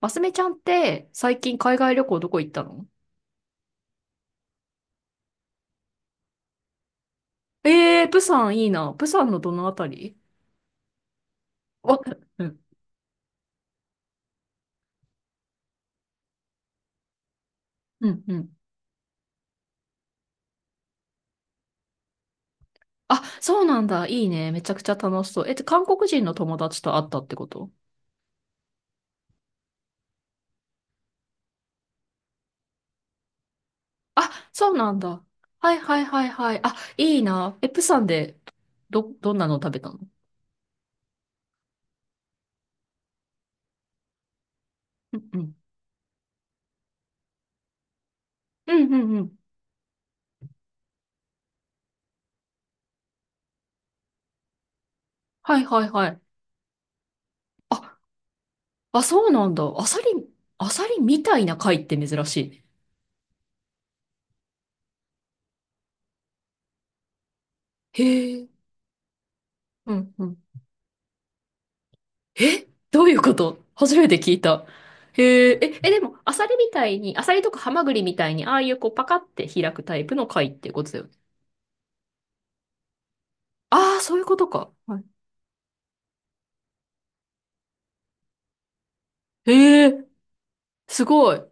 マスミちゃんって最近海外旅行どこ行ったの？プサンいいな。プサンのどのあたり？わ、うん、うん、うん。あ、そうなんだ。いいね。めちゃくちゃ楽しそう。韓国人の友達と会ったってこと？あ、そうなんだ。はいはいはいはい。あ、いいな。え、プサンでどんなの食べたの？うんうん。うんうんうん。はいはいはい。あ、あ、そうなんだ。アサリ、アサリみたいな貝って珍しいね。へえ。うんうん。えどういうこと、初めて聞いた。へえ、でも、アサリみたいに、アサリとかハマグリみたいに、ああいうこうパカって開くタイプの貝ってことだよね。ああ、そういうことか。はい。へえ、すごい。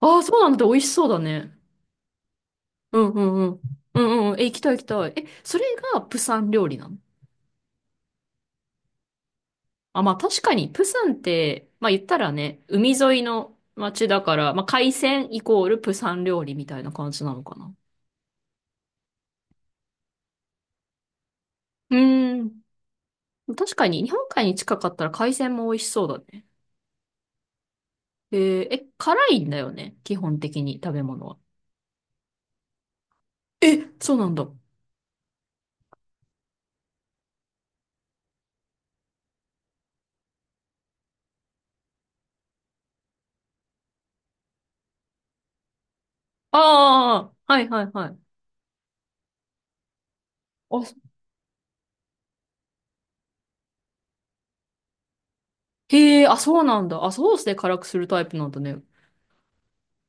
ああ、そうなんだ。美味しそうだね。うんうんうん。うんうん。え、行きたい行きたい。え、それがプサン料理なの？あ、まあ確かに、プサンって、まあ言ったらね、海沿いの街だから、まあ海鮮イコールプサン料理みたいな感じなのかな。うーん。確かに、日本海に近かったら海鮮も美味しそうだね。えーえ、辛いんだよね、基本的に食べ物は。え、そうなんだ。ああ、はいはいはい。あ、へえ、あ、そうなんだ。あ、ソースで辛くするタイプなんだね。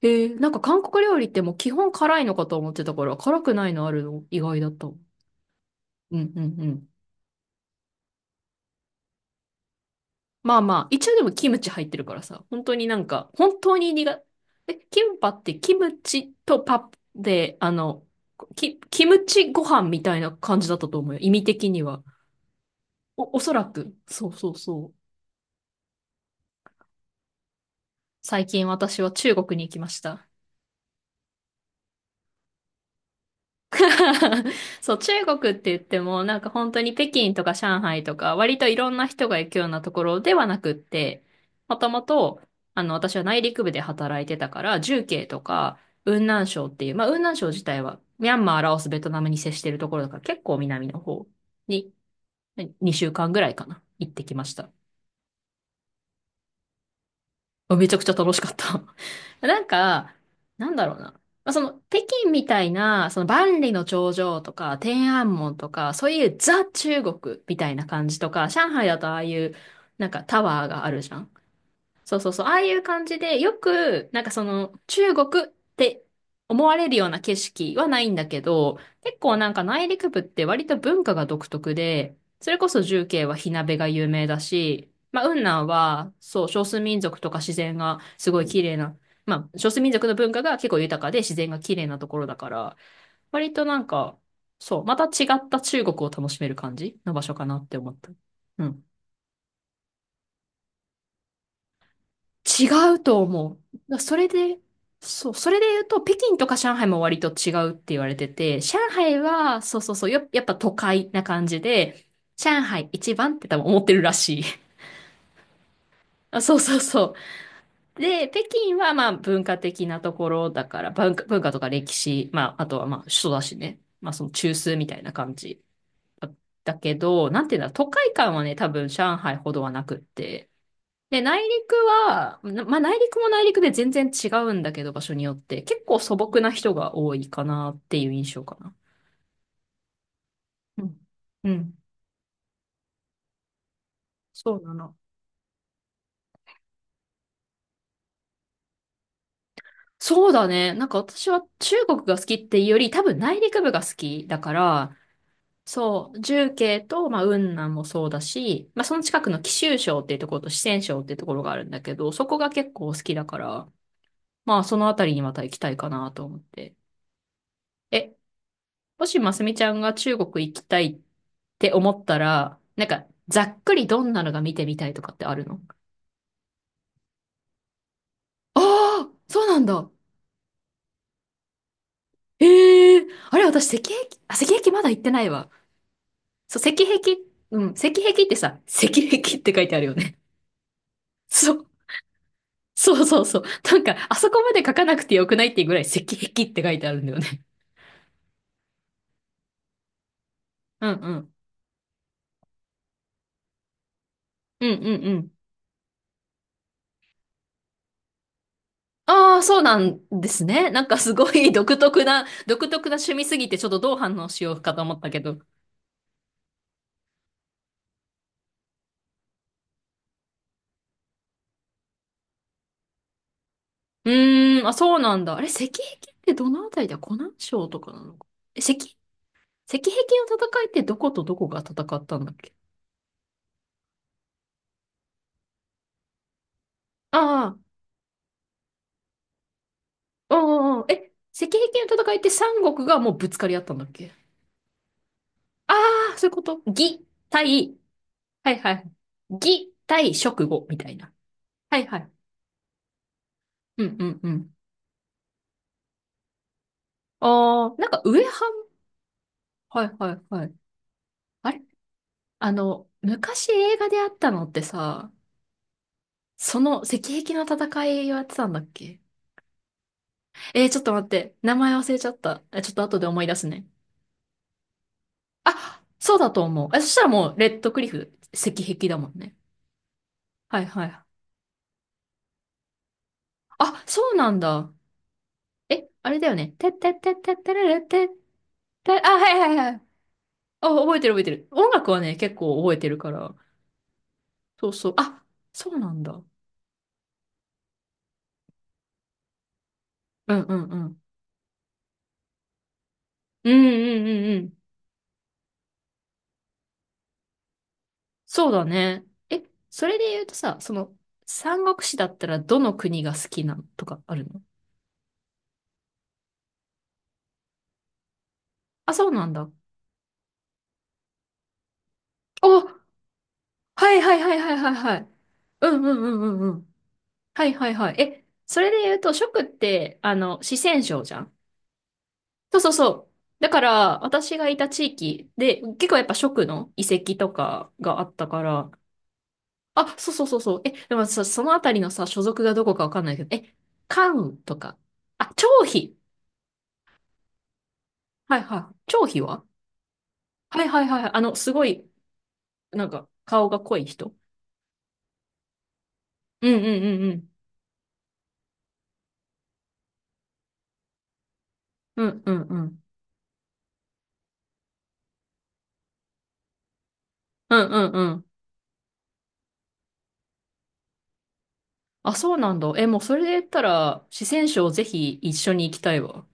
へえ、なんか韓国料理ってもう基本辛いのかと思ってたから、辛くないのあるの意外だった。うんうんうん。まあまあ、一応でもキムチ入ってるからさ、本当になんか、本当に苦、え、キンパってキムチとパプで、キムチご飯みたいな感じだったと思うよ、意味的には。お、おそらく。そうそうそう。最近私は中国に行きました。そう、中国って言っても、なんか本当に北京とか上海とか、割といろんな人が行くようなところではなくって、もともと、私は内陸部で働いてたから、重慶とか、雲南省っていう、まあ、雲南省自体は、ミャンマー、ラオス、ベトナムに接してるところだから、結構南の方に、2週間ぐらいかな、行ってきました。めちゃくちゃ楽しかった。なんか、なんだろうな。まあ、その、北京みたいな、その万里の長城とか、天安門とか、そういうザ・中国みたいな感じとか、上海だとああいう、なんかタワーがあるじゃん。そうそうそう、ああいう感じで、よく、なんかその、中国って思われるような景色はないんだけど、結構なんか内陸部って割と文化が独特で、それこそ重慶は火鍋が有名だし、まあ、雲南は、そう、少数民族とか自然がすごい綺麗な、まあ、少数民族の文化が結構豊かで自然が綺麗なところだから、割となんか、そう、また違った中国を楽しめる感じの場所かなって思った。うん、違うと思う。だそれで、そう、それで言うと、北京とか上海も割と違うって言われてて、上海は、そうそうそう、やっぱ都会な感じで、上海一番って多分思ってるらしい。あ、そうそうそう。で、北京はまあ文化的なところだから、文化、文化とか歴史、まああとはまあ首都だしね。まあその中枢みたいな感じだだけど、なんていうんだろう、都会感はね、多分上海ほどはなくって。で、内陸は、なまあ内陸も内陸で全然違うんだけど、場所によって、結構素朴な人が多いかなっていう印象かな。うん。うん。そうなの。そうだね。なんか私は中国が好きっていうより、多分内陸部が好きだから、そう、重慶と、まあ、雲南もそうだし、まあ、その近くの貴州省っていうところと四川省っていうところがあるんだけど、そこが結構好きだから、まあ、そのあたりにまた行きたいかなと思って。え、もし、ますみちゃんが中国行きたいって思ったら、なんか、ざっくりどんなのが見てみたいとかってあるの？ああー、そうなんだ。ええ、あれ、私、石壁、あ、石壁まだ行ってないわ。そう、石壁、うん、石壁ってさ、石壁って書いてあるよね。そう、そうそうそう。なんか、あそこまで書かなくてよくないっていうぐらい石壁って書いてあるんだよね。うんうん。うんうんうん。ああ、そうなんですね。なんかすごい独特な、独特な趣味すぎて、ちょっとどう反応しようかと思ったけど。うーん、あ、そうなんだ。あれ、石壁ってどのあたりだ、湖南省とかなのか。石壁の戦いってどことどこが戦ったんだっけ？ああ、うんうんうん。え、石壁の戦いって三国がもうぶつかり合ったんだっけ？ああー、そういうこと。魏対、はいはい。魏対蜀呉みたいな。はいはい。うんうんうん。ああ、なんか上半、はいはいはい。あれ、昔映画であったのってさ、その石壁の戦いをやってたんだっけ？えー、ちょっと待って。名前忘れちゃった。え、ちょっと後で思い出すね。あ、そうだと思う。え、そしたらもう、レッドクリフ、石壁だもんね。はいはい。あ、そうなんだ。え、あれだよね。てってってってってれれってって、あ、はいはいはい。あ、覚えてる覚えてる。音楽はね、結構覚えてるから。そうそう。あ、そうなんだ。うんうんうん。うんうんうんうん。そうだね。え、それで言うとさ、その、三国志だったらどの国が好きなのとかあるの？あ、そうなんだ。あはいはいはいはいはいはい。うんうんうんうんうん。はいはいはい。え、それで言うと、食って、四川省じゃん。そうそうそう。だから、私がいた地域で、結構やっぱ食の遺跡とかがあったから、あ、そうそうそうそう。え、でもさ、そのあたりのさ、所属がどこかわかんないけど、え、関とか。あ、張飛。はいはい。張飛は、はいはいはいはい。すごい、なんか、顔が濃い人。うんうんうんうん。うんうんうん。うんうんうん。あ、そうなんだ。え、もうそれで言ったら、四川省ぜひ一緒に行きたいわ。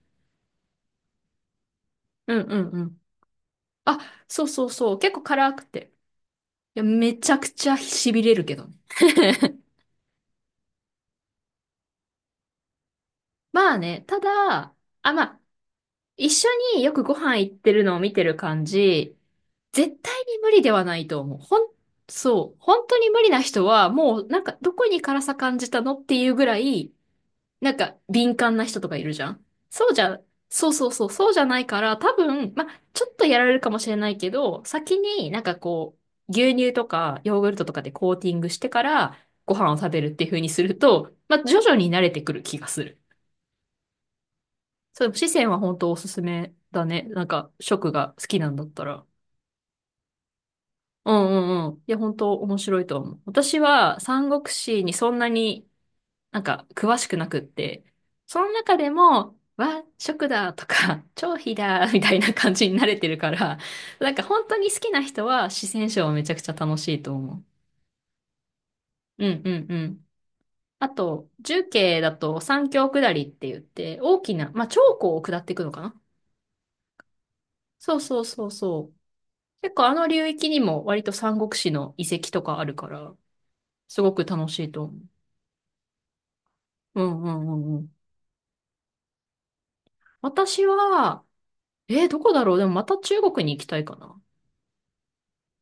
うんうんうん。あ、そうそうそう。結構辛くて。いや、めちゃくちゃ痺れるけどね。まあね、ただ、あ、まあ、一緒によくご飯行ってるのを見てる感じ、絶対に無理ではないと思う。ほん、そう。本当に無理な人は、もうなんかどこに辛さ感じたのっていうぐらい、なんか敏感な人とかいるじゃん。そうじゃ、そうそうそう、そうじゃないから、多分、まちょっとやられるかもしれないけど、先になんかこう、牛乳とかヨーグルトとかでコーティングしてからご飯を食べるっていう風にすると、ま徐々に慣れてくる気がする。そう、四川は本当おすすめだね。なんか食が好きなんだったら。うんうんうん。いや、本当面白いと思う。私は三国志にそんなになんか詳しくなくって、その中でも、和食だとか、超肥だみたいな感じに慣れてるから、なんか本当に好きな人は四川省はめちゃくちゃ楽しいと思う。うんうんうん。あと、重慶だと三峡下りって言って、大きな、まあ、長江を下っていくのかな。そうそうそうそう。結構あの流域にも割と三国志の遺跡とかあるから、すごく楽しいと思う。うんうんうんうん。私は、えーどこだろう、でもまた中国に行きたいかな。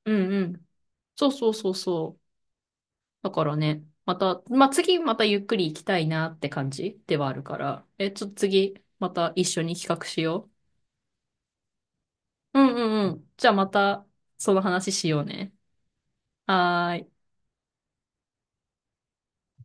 うんうん。そうそうそうそう。だからね、また、まあ、次またゆっくり行きたいなって感じではあるから。え、ちょっと次、また一緒に企画しよう。うんうんうん。じゃあまた、その話しようね。はーい。